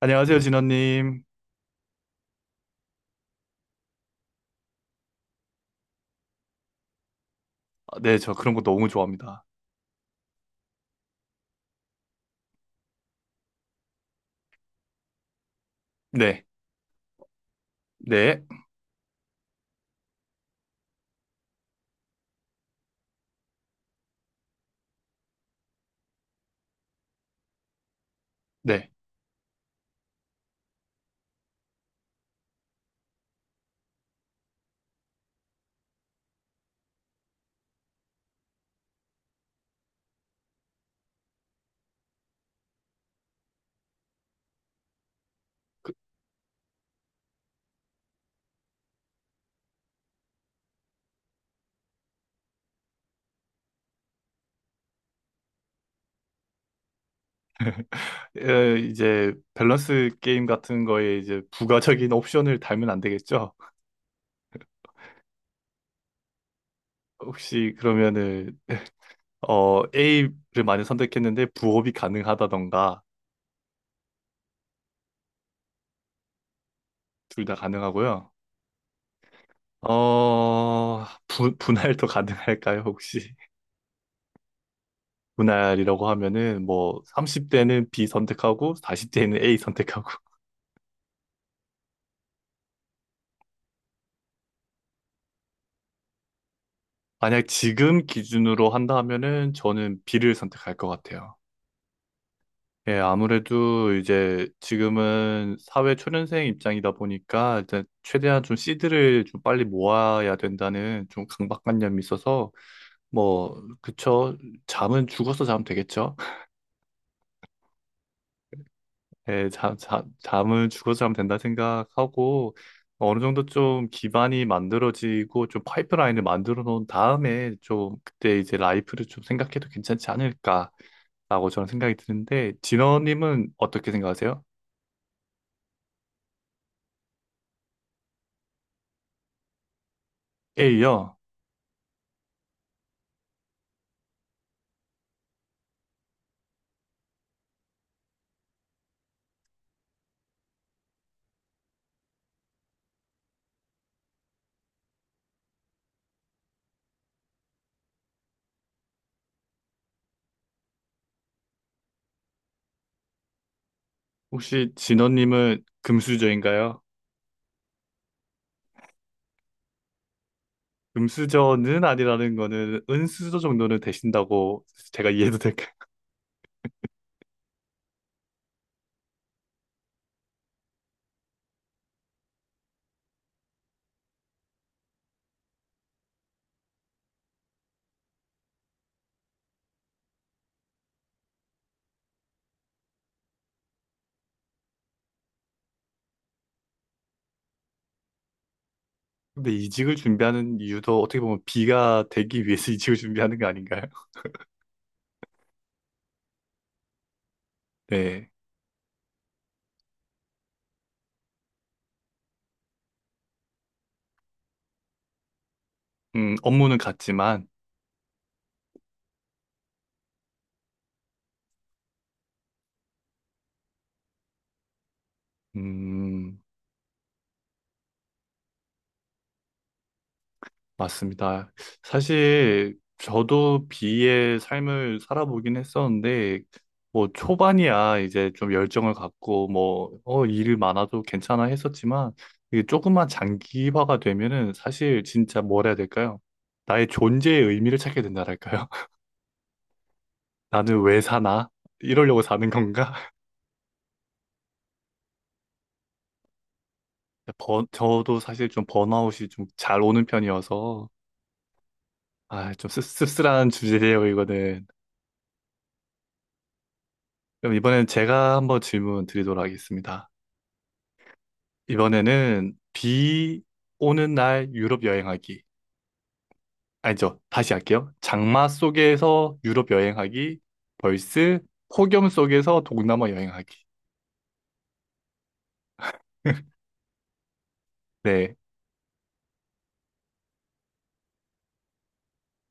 안녕하세요, 진원님. 아, 네, 저 그런 거 너무 좋아합니다. 네, 네, 네. 이제 밸런스 게임 같은 거에 이제 부가적인 옵션을 달면 안 되겠죠? 혹시 그러면은 A를 많이 선택했는데 부업이 가능하다던가 둘 다 가능하고요. 분할도 가능할까요, 혹시? 분할이라고 하면은 뭐 30대는 B 선택하고 40대는 A 선택하고 만약 지금 기준으로 한다 하면은 저는 B를 선택할 것 같아요. 예, 아무래도 이제 지금은 사회 초년생 입장이다 보니까 이제 최대한 좀 씨들을 좀 빨리 모아야 된다는 좀 강박관념이 있어서 뭐 그쵸, 잠은 죽어서 자면 되겠죠. 예, 잠은 죽어서 자면 된다 생각하고 어느 정도 좀 기반이 만들어지고 좀 파이프라인을 만들어 놓은 다음에 좀 그때 이제 라이프를 좀 생각해도 괜찮지 않을까 라고 저는 생각이 드는데, 진원님은 어떻게 생각하세요? A요. 혹시 진원님은 금수저인가요? 금수저는 아니라는 거는 은수저 정도는 되신다고 제가 이해도 될까요? 근데 이직을 준비하는 이유도 어떻게 보면 B가 되기 위해서 이직을 준비하는 거 아닌가요? 네. 업무는 같지만, 음, 맞습니다. 사실 저도 비의 삶을 살아보긴 했었는데 뭐 초반이야 이제 좀 열정을 갖고 뭐 일이 많아도 괜찮아 했었지만 이게 조금만 장기화가 되면은 사실 진짜 뭘 해야 될까요? 나의 존재의 의미를 찾게 된다랄까요? 나는 왜 사나? 이러려고 사는 건가? 저도 사실 좀 번아웃이 좀 잘 오는 편이어서 아, 좀 씁쓸한 주제예요, 이거는. 그럼 이번엔 제가 한번 질문 드리도록 하겠습니다. 이번에는 비 오는 날 유럽 여행하기. 아니죠. 다시 할게요. 장마 속에서 유럽 여행하기. 벌스 폭염 속에서 동남아 여행하기. 네.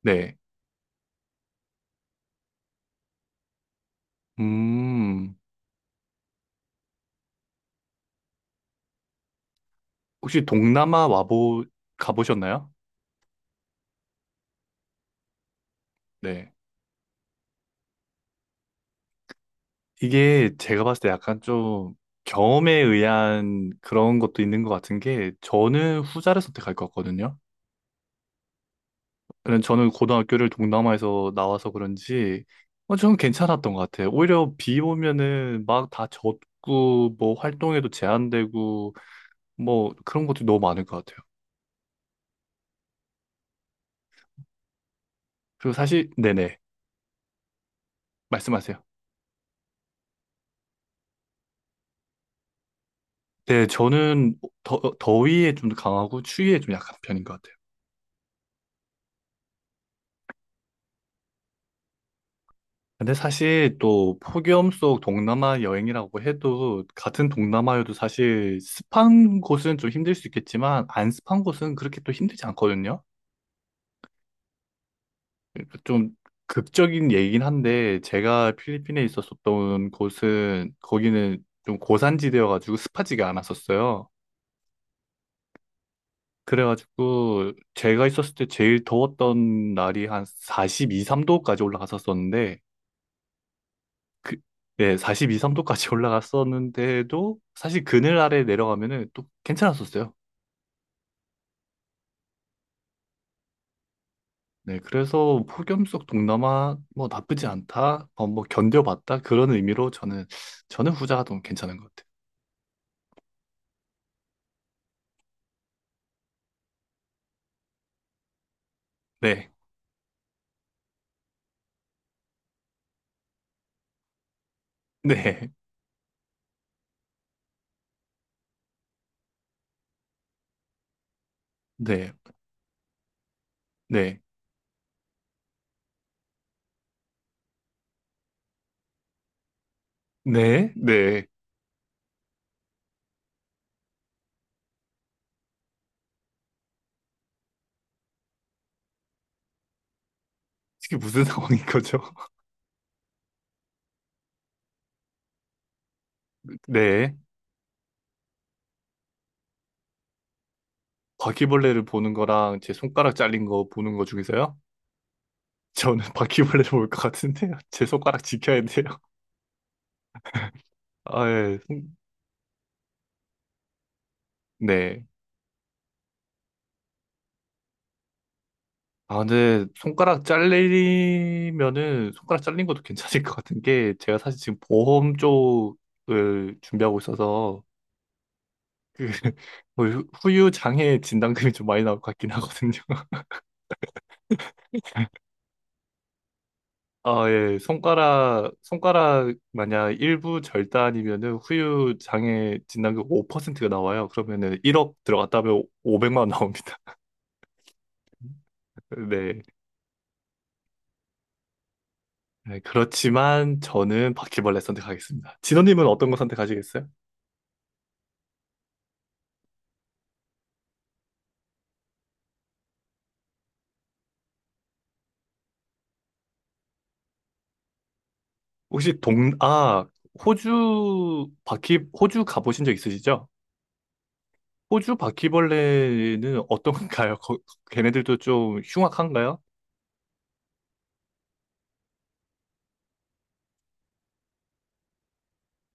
네. 음. 혹시 동남아 와보 가보셨나요? 네. 이게 제가 봤을 때 약간 좀 경험에 의한 그런 것도 있는 것 같은 게 저는 후자를 선택할 것 같거든요. 저는 고등학교를 동남아에서 나와서 그런지 저는 괜찮았던 것 같아요. 오히려 비 오면은 막 다 젖고 뭐 활동에도 제한되고 뭐 그런 것도 너무 많을 것 같아요. 그리고 사실 네네, 말씀하세요. 네, 저는 더위에 좀 강하고 추위에 좀 약한 편인 것 같아요. 근데 사실 또 폭염 속 동남아 여행이라고 해도 같은 동남아여도 사실 습한 곳은 좀 힘들 수 있겠지만 안 습한 곳은 그렇게 또 힘들지 않거든요. 그러니까 좀 극적인 얘기긴 한데 제가 필리핀에 있었었던 곳은 거기는 좀 고산지대여가지고 습하지가 않았었어요. 그래가지고 제가 있었을 때 제일 더웠던 날이 한 42, 3도까지 올라갔었었는데 그, 네, 42, 3도까지 올라갔었는데도 사실 그늘 아래 내려가면은 또 괜찮았었어요. 네, 그래서 폭염 속 동남아 뭐 나쁘지 않다, 뭐 견뎌봤다 그런 의미로 저는 후자가 더 괜찮은 것 같아요. 네. 네, 네, 네, 네, 네. 이게 무슨 상황인 거죠? 네. 바퀴벌레를 보는 거랑 제 손가락 잘린 거 보는 거 중에서요? 저는 바퀴벌레를 볼 것 같은데요. 제 손가락 지켜야 돼요. 아, 예. 네. 아, 근데 손가락 잘리면은 손가락 잘린 것도 괜찮을 것 같은 게 제가 사실 지금 보험 쪽을 준비하고 있어서 그 뭐 후유 장애 진단금이 좀 많이 나올 것 같긴 하거든요. 아, 예. 손가락 만약 일부 절단이면은 후유 장애 진단금 5%가 나와요. 그러면은 1억 들어갔다 하면 500만 원 나옵니다. 네. 네, 그렇지만 저는 바퀴벌레 선택하겠습니다. 진호님은 어떤 거 선택하시겠어요? 혹시 호주 호주 가보신 적 있으시죠? 호주 바퀴벌레는 어떤가요? 걔네들도 좀 흉악한가요?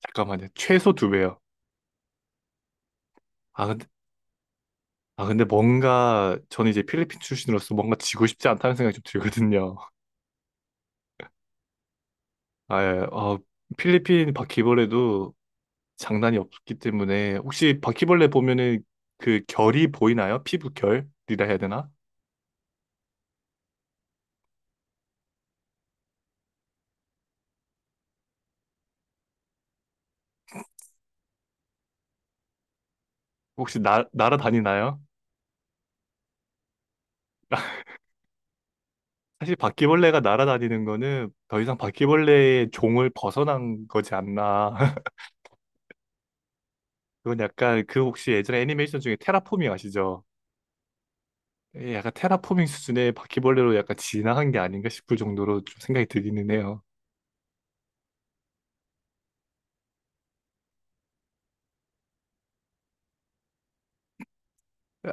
잠깐만요. 최소 두 배요. 아, 근데 뭔가, 저는 이제 필리핀 출신으로서 뭔가 지고 싶지 않다는 생각이 좀 들거든요. 아, 예. 필리핀 바퀴벌레도 장난이 없기 때문에, 혹시 바퀴벌레 보면은 그 결이 보이나요? 피부 결이라 해야 되나? 혹시 날아다니나요? 사실 바퀴벌레가 날아다니는 거는 더 이상 바퀴벌레의 종을 벗어난 거지 않나. 그건 약간 그 혹시 예전에 애니메이션 중에 테라포밍 아시죠? 예, 약간 테라포밍 수준의 바퀴벌레로 약간 진화한 게 아닌가 싶을 정도로 좀 생각이 들기는 해요.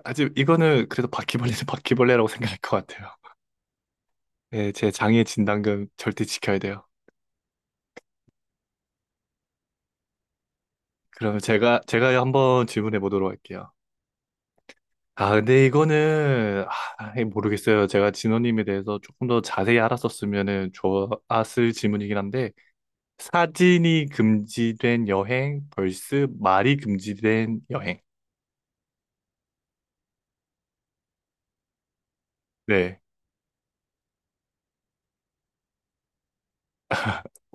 아직 이거는 그래도 바퀴벌레는 바퀴벌레라고 생각할 것 같아요. 예, 제 장애 진단금 절대 지켜야 돼요. 그러면 제가 한번 질문해 보도록 할게요. 아, 근데 이거는 아, 예, 모르겠어요. 제가 진호님에 대해서 조금 더 자세히 알았었으면 좋았을 질문이긴 한데 사진이 금지된 여행 vs 말이 금지된 여행. 네,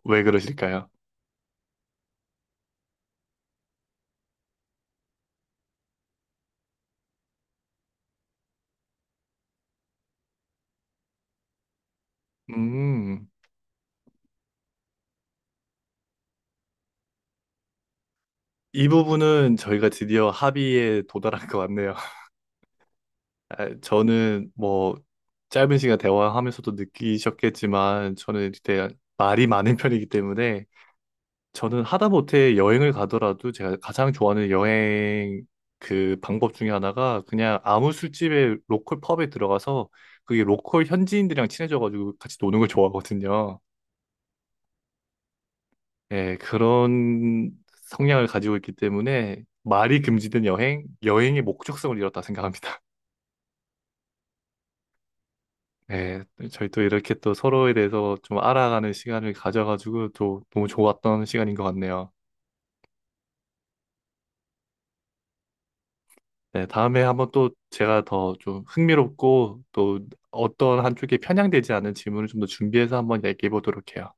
왜 그러실까요? 음. 이 부분은 저희가 드디어 합의에 도달한 것 같네요. 아, 저는 뭐 짧은 시간 대화하면서도 느끼셨겠지만 저는 되게 말이 많은 편이기 때문에 저는 하다못해 여행을 가더라도 제가 가장 좋아하는 여행 그 방법 중에 하나가 그냥 아무 술집에, 로컬 펍에 들어가서 그게 로컬 현지인들이랑 친해져가지고 같이 노는 걸 좋아하거든요. 예, 그런 성향을 가지고 있기 때문에 말이 금지된 여행, 여행의 목적성을 잃었다 생각합니다. 네, 저희 또 이렇게 또 서로에 대해서 좀 알아가는 시간을 가져가지고 또 너무 좋았던 시간인 것 같네요. 네, 다음에 한번 또 제가 더 좀 흥미롭고 또 어떤 한쪽에 편향되지 않은 질문을 좀 더 준비해서 한번 얘기해 보도록 해요.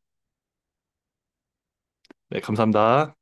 네, 감사합니다.